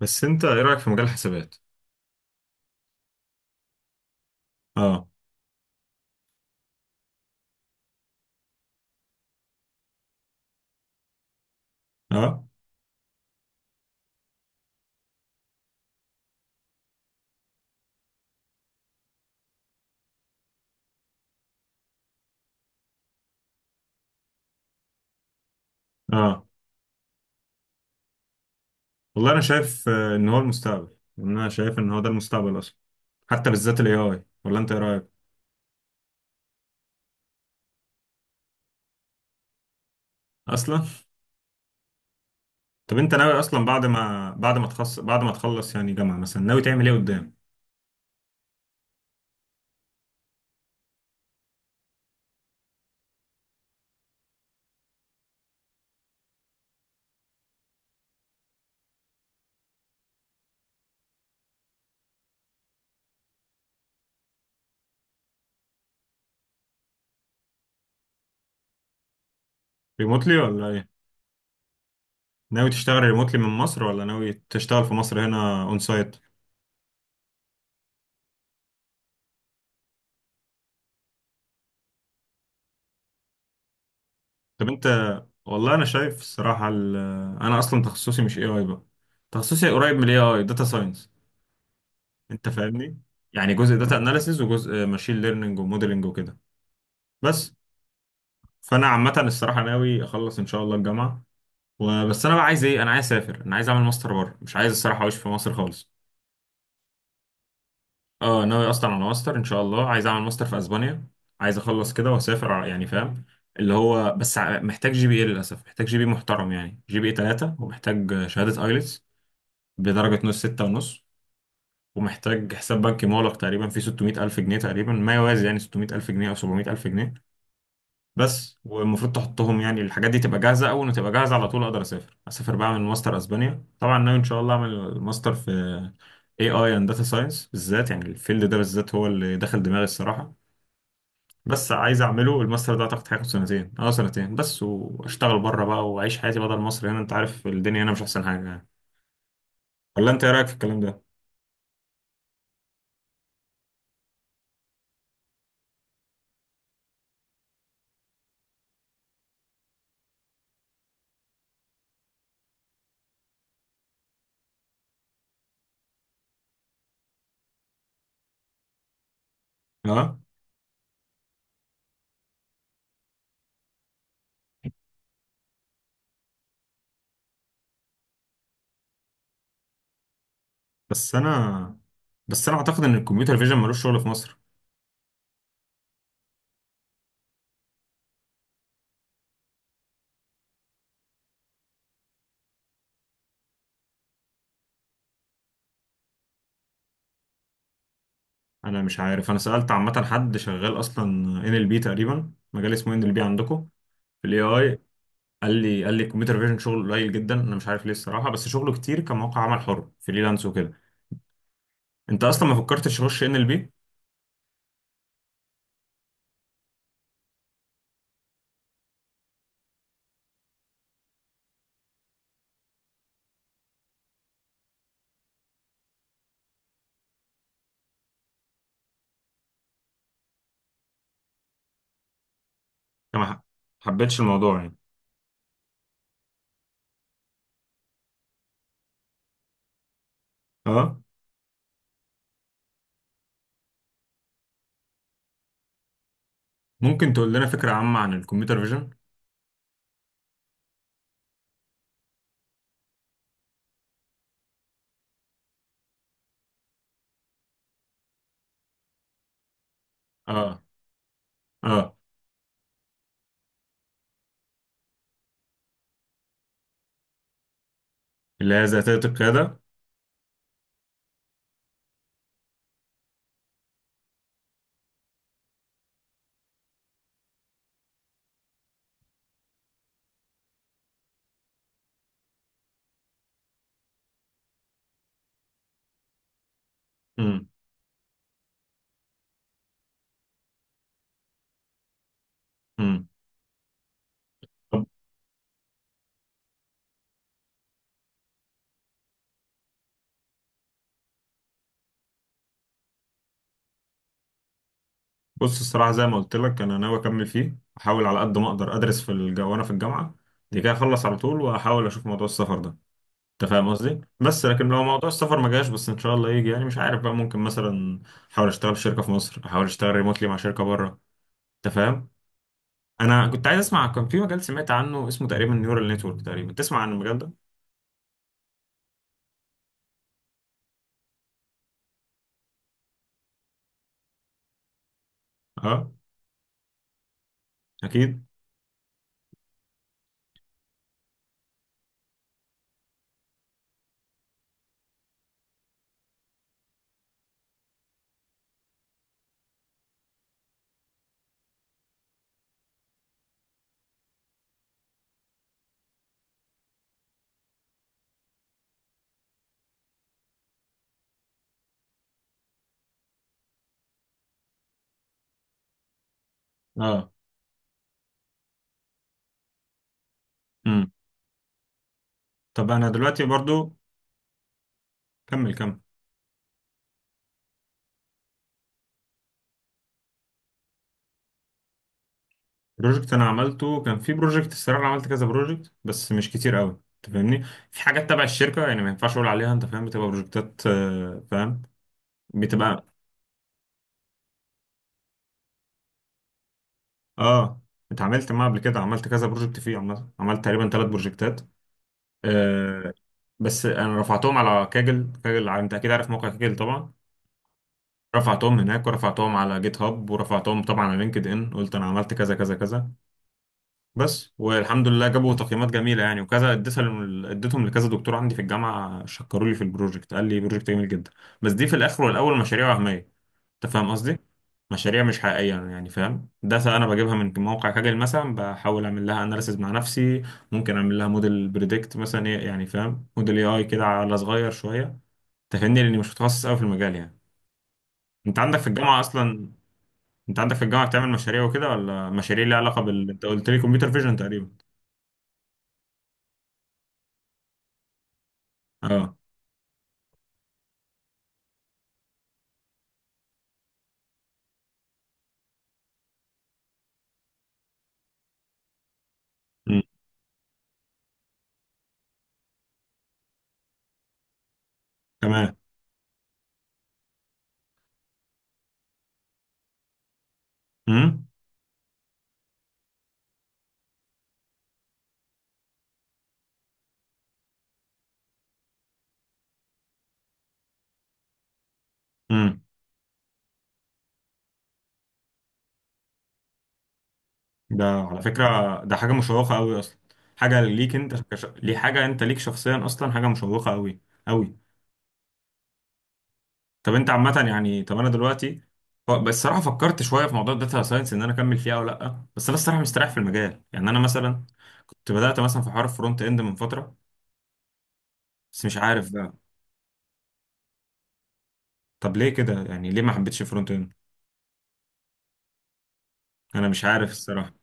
بس انت ايه رايك في مجال الحسابات؟ اه. اه. اه. والله انا شايف، ان هو المستقبل، يعني انا شايف ان هو ده المستقبل اصلا. حتى بالذات الاي اي، ولا انت ايه رايك؟ اصلا. طب انت ناوي اصلا، بعد ما تخلص يعني جامعه مثلا، ناوي تعمل ايه قدام؟ ريموتلي ولا ايه؟ ناوي تشتغل ريموتلي من مصر، ولا ناوي تشتغل في مصر هنا اون سايت؟ طب انت. والله انا شايف الصراحه انا اصلا تخصصي مش اي اي بقى، تخصصي قريب من الاي اي، داتا ساينس. انت فاهمني؟ يعني جزء داتا اناليسيز، وجزء ماشين ليرنينج وموديلنج وكده. بس، فانا عامه الصراحه ناوي اخلص ان شاء الله الجامعه، وبس انا بقى عايز ايه؟ انا عايز اسافر، انا عايز اعمل ماستر بره، مش عايز الصراحه اعيش في مصر خالص. اه، ناوي اصلا على ماستر، ان شاء الله عايز اعمل ماستر في اسبانيا. عايز اخلص كده واسافر، يعني فاهم. اللي هو بس، محتاج جي بي اي، للاسف محتاج جي بي محترم، يعني جي بي اي 3، ومحتاج شهاده ايلتس بدرجه نص 6.5، ومحتاج حساب بنكي مغلق تقريبا فيه 600 ألف جنيه، تقريبا ما يوازي يعني 600 ألف جنيه أو 700 ألف جنيه. بس، والمفروض تحطهم، يعني الحاجات دي تبقى جاهزه، اول ما تبقى جاهزه على طول اقدر اسافر. اسافر بقى من ماستر اسبانيا، طبعا ناوي ان شاء الله اعمل ماستر في اي اي اند داتا ساينس بالذات، يعني الفيلد ده بالذات هو اللي دخل دماغي الصراحه. بس عايز اعمله، الماستر ده اعتقد هياخد سنتين. اه، سنتين بس، واشتغل بره بقى واعيش حياتي بدل مصر هنا. انت عارف الدنيا هنا مش احسن حاجه يعني، ولا انت ايه رايك في الكلام ده؟ اه. بس انا بس انا اعتقد ان الكمبيوتر فيجن ملوش شغل في مصر. انا مش عارف، انا سالت عامه حد شغال، اصلا ان ال بي تقريبا، مجال اسمه ان ال بي عندكم في الاي اي. قال لي الكمبيوتر فيجن شغله قليل جدا، انا مش عارف ليه الصراحه، بس شغله كتير كموقع عمل حر فريلانس وكده. انت اصلا ما فكرتش تخش ان ال بي؟ ما ح- حبيتش الموضوع يعني. اه. ممكن تقول لنا فكره عامه عن الكمبيوتر فيجن؟ اه. اه. اللي هي ذاتيه القياده. امم. امم. طب، بص الصراحه زي ما قلت لك، انا ناوي اكمل فيه، احاول على قد ما اقدر ادرس في وانا في الجامعه دي، كده اخلص على طول واحاول اشوف موضوع السفر ده. انت فاهم قصدي؟ بس لكن لو موضوع السفر ما جاش، بس ان شاء الله يجي، يعني مش عارف بقى، ممكن مثلا احاول اشتغل في شركه في مصر، احاول اشتغل ريموتلي مع شركه بره. انت فاهم؟ انا كنت عايز اسمع، كان في مجال سمعت عنه اسمه تقريبا نيورال نتورك، تقريبا تسمع عن المجال ده؟ اه. اكيد. اه. امم. طب انا دلوقتي برضو. كمل كمل. بروجكت انا عملته؟ كان في بروجكت الصراحه، انا عملت كذا بروجكت بس مش كتير قوي. انت فاهمني؟ في حاجات تبع الشركه يعني ما ينفعش اقول عليها. انت فاهم؟ بتبقى بروجكتات. فاهم. بتبقى. اه. اتعاملت معاه قبل كده، عملت كذا بروجكت فيه، عملت تقريبا 3 بروجكتات. آه. بس انا رفعتهم على كاجل، انت اكيد عارف موقع كاجل طبعا. رفعتهم هناك، ورفعتهم على جيت هاب، ورفعتهم طبعا على لينكد ان، قلت انا عملت كذا كذا كذا. بس والحمد لله جابوا تقييمات جميله يعني، وكذا اديتها لم- اديتهم لكذا دكتور عندي في الجامعه، شكروا لي في البروجكت، قال لي بروجكت جميل جدا. بس دي في الاخر والاول مشاريع وهميه. انت فاهم قصدي؟ مشاريع مش حقيقيه يعني، فاهم؟ داتا انا بجيبها من موقع كاجل مثلا، بحاول اعمل لها اناليسيز مع نفسي، ممكن اعمل لها موديل بريدكت مثلا. ايه يعني، فاهم؟ موديل اي اي كده على صغير شويه. تفهمني؟ لاني مش متخصص قوي في المجال يعني. انت عندك في الجامعه اصلا؟ انت عندك في الجامعه بتعمل مشاريع وكده، ولا مشاريع ليها علاقه بال، انت قلت لي كمبيوتر فيجن تقريبا؟ اه. امم. تمام. امم. امم. ده على فكره ده حاجه مشوقه قوي اصلا. حاجه ليك انت، ليه، حاجه انت ليك شخصيا اصلا، حاجه مشوقه قوي قوي. طب انت عامة يعني، طب انا دلوقتي بس الصراحة فكرت شوية في موضوع الداتا ساينس، ان انا اكمل فيه او لا، بس انا الصراحة مستريح في المجال يعني. انا مثلا كنت بدأت مثلا في حوار فرونت اند من فترة، بس مش عارف بقى. طب ليه كده يعني؟ ليه ما حبيتش فرونت اند؟ انا مش عارف الصراحة.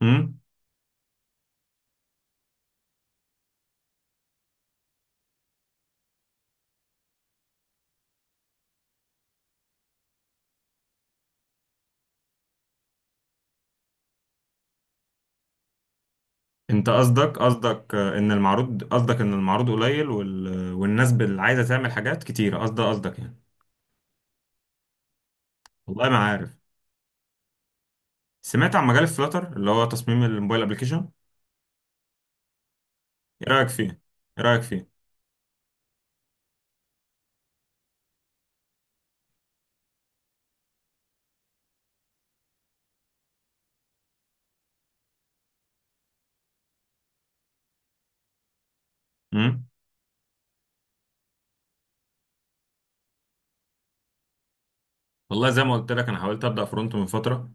امم. انت قصدك، ان المعروض، قصدك ان المعروض قليل، والناس اللي عايزة تعمل حاجات كتيرة، قصدك قصدك يعني. والله ما عارف. سمعت عن مجال الفلاتر، اللي هو تصميم الموبايل ابلكيشن. ايه رأيك فيه؟ ايه رأيك فيه؟ مم؟ والله زي ما قلت لك، انا حاولت ابدا فرونت من فتره،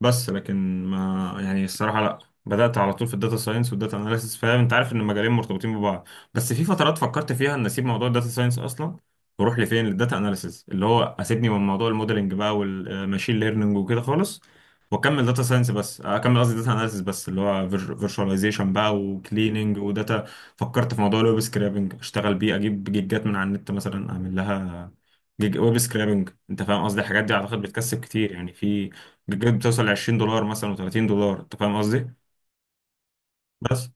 بس لكن ما، يعني الصراحة لا. بدأت على طول في الداتا ساينس والداتا اناليسيس، فاهم؟ انت عارف ان المجالين مرتبطين ببعض. بس في فترات فكرت فيها ان اسيب موضوع الداتا ساينس اصلا، واروح لفين، للداتا اناليسيس، اللي هو اسيبني من موضوع الموديلنج بقى والماشين ليرنينج وكده خالص، واكمل داتا ساينس بس، اكمل قصدي داتا اناليسيس بس، اللي هو فيرشواليزيشن بقى وكليننج وداتا. فكرت في موضوع الويب سكرابنج، اشتغل بيه، اجيب جيجات من على النت مثلا، اعمل لها جيج ويب سكرابنج. انت فاهم قصدي الحاجات دي؟ اعتقد بتكسب كتير يعني. في بجد بتوصل ل 20$ مثلا و30 دولار. انت فاهم قصدي؟ بس،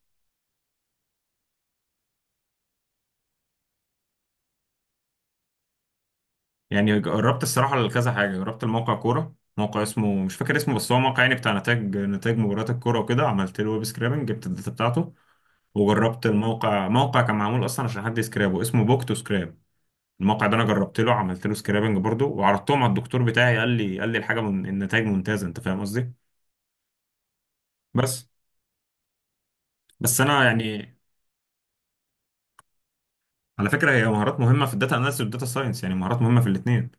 يعني جربت الصراحه لكذا حاجه، جربت الموقع كوره، موقع اسمه مش فاكر اسمه، بس هو موقع يعني بتاع نتائج مباريات الكوره وكده، عملت له ويب سكرابنج، جبت الداتا بتاعته. وجربت الموقع، موقع كان معمول اصلا عشان حد يسكرابه، اسمه بوك تو سكراب. الموقع ده انا جربت له، عملت له سكرابنج برضه، وعرضتهم على الدكتور بتاعي، قال لي الحاجه من النتائج ممتازه. انت فاهم قصدي؟ بس بس انا يعني. على فكره هي مهارات مهمه في الداتا اناليسيس والداتا ساينس، يعني مهارات مهمه في الاثنين.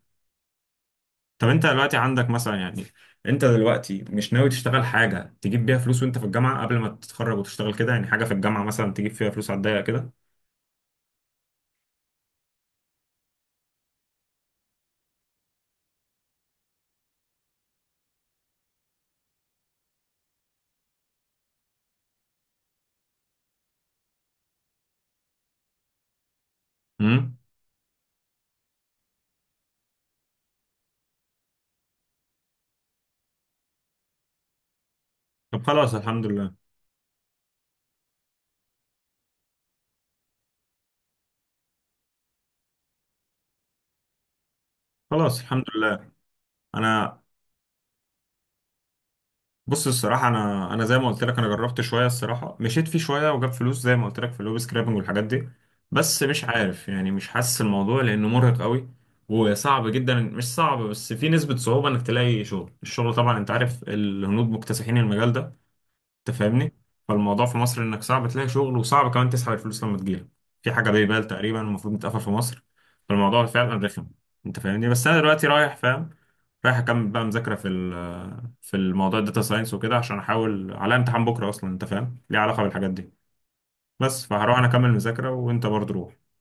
طب انت دلوقتي عندك مثلا يعني، انت دلوقتي مش ناوي تشتغل حاجة تجيب بيها فلوس وانت في الجامعة قبل ما تتخرج وتشتغل كده، يعني حاجة في الجامعة مثلا تجيب فيها فلوس على الضيق كده؟ امم. طب خلاص الحمد لله. خلاص الحمد لله. انا بص الصراحة، انا زي ما قلت لك، انا جربت شوية الصراحة، مشيت فيه شوية وجاب فلوس زي ما قلت لك في الويب سكرابنج والحاجات دي، بس مش عارف يعني، مش حاسس الموضوع لانه مرهق قوي وصعب جدا. مش صعب، بس في نسبة صعوبة انك تلاقي شغل. الشغل طبعا، انت عارف، الهنود مكتسحين المجال ده. انت فاهمني؟ فالموضوع في مصر، انك صعب تلاقي شغل وصعب كمان تسحب الفلوس لما تجيلك، في حاجه بيبال تقريبا المفروض تتقفل في مصر. فالموضوع فعلا رخم، انت فاهمني. بس انا دلوقتي رايح، فاهم؟ رايح اكمل بقى مذاكره في في الموضوع الداتا ساينس وكده، عشان احاول على امتحان بكره اصلا، انت فاهم ليه علاقه بالحاجات دي. بس فهروح انا اكمل مذاكره، وانت برضه روح.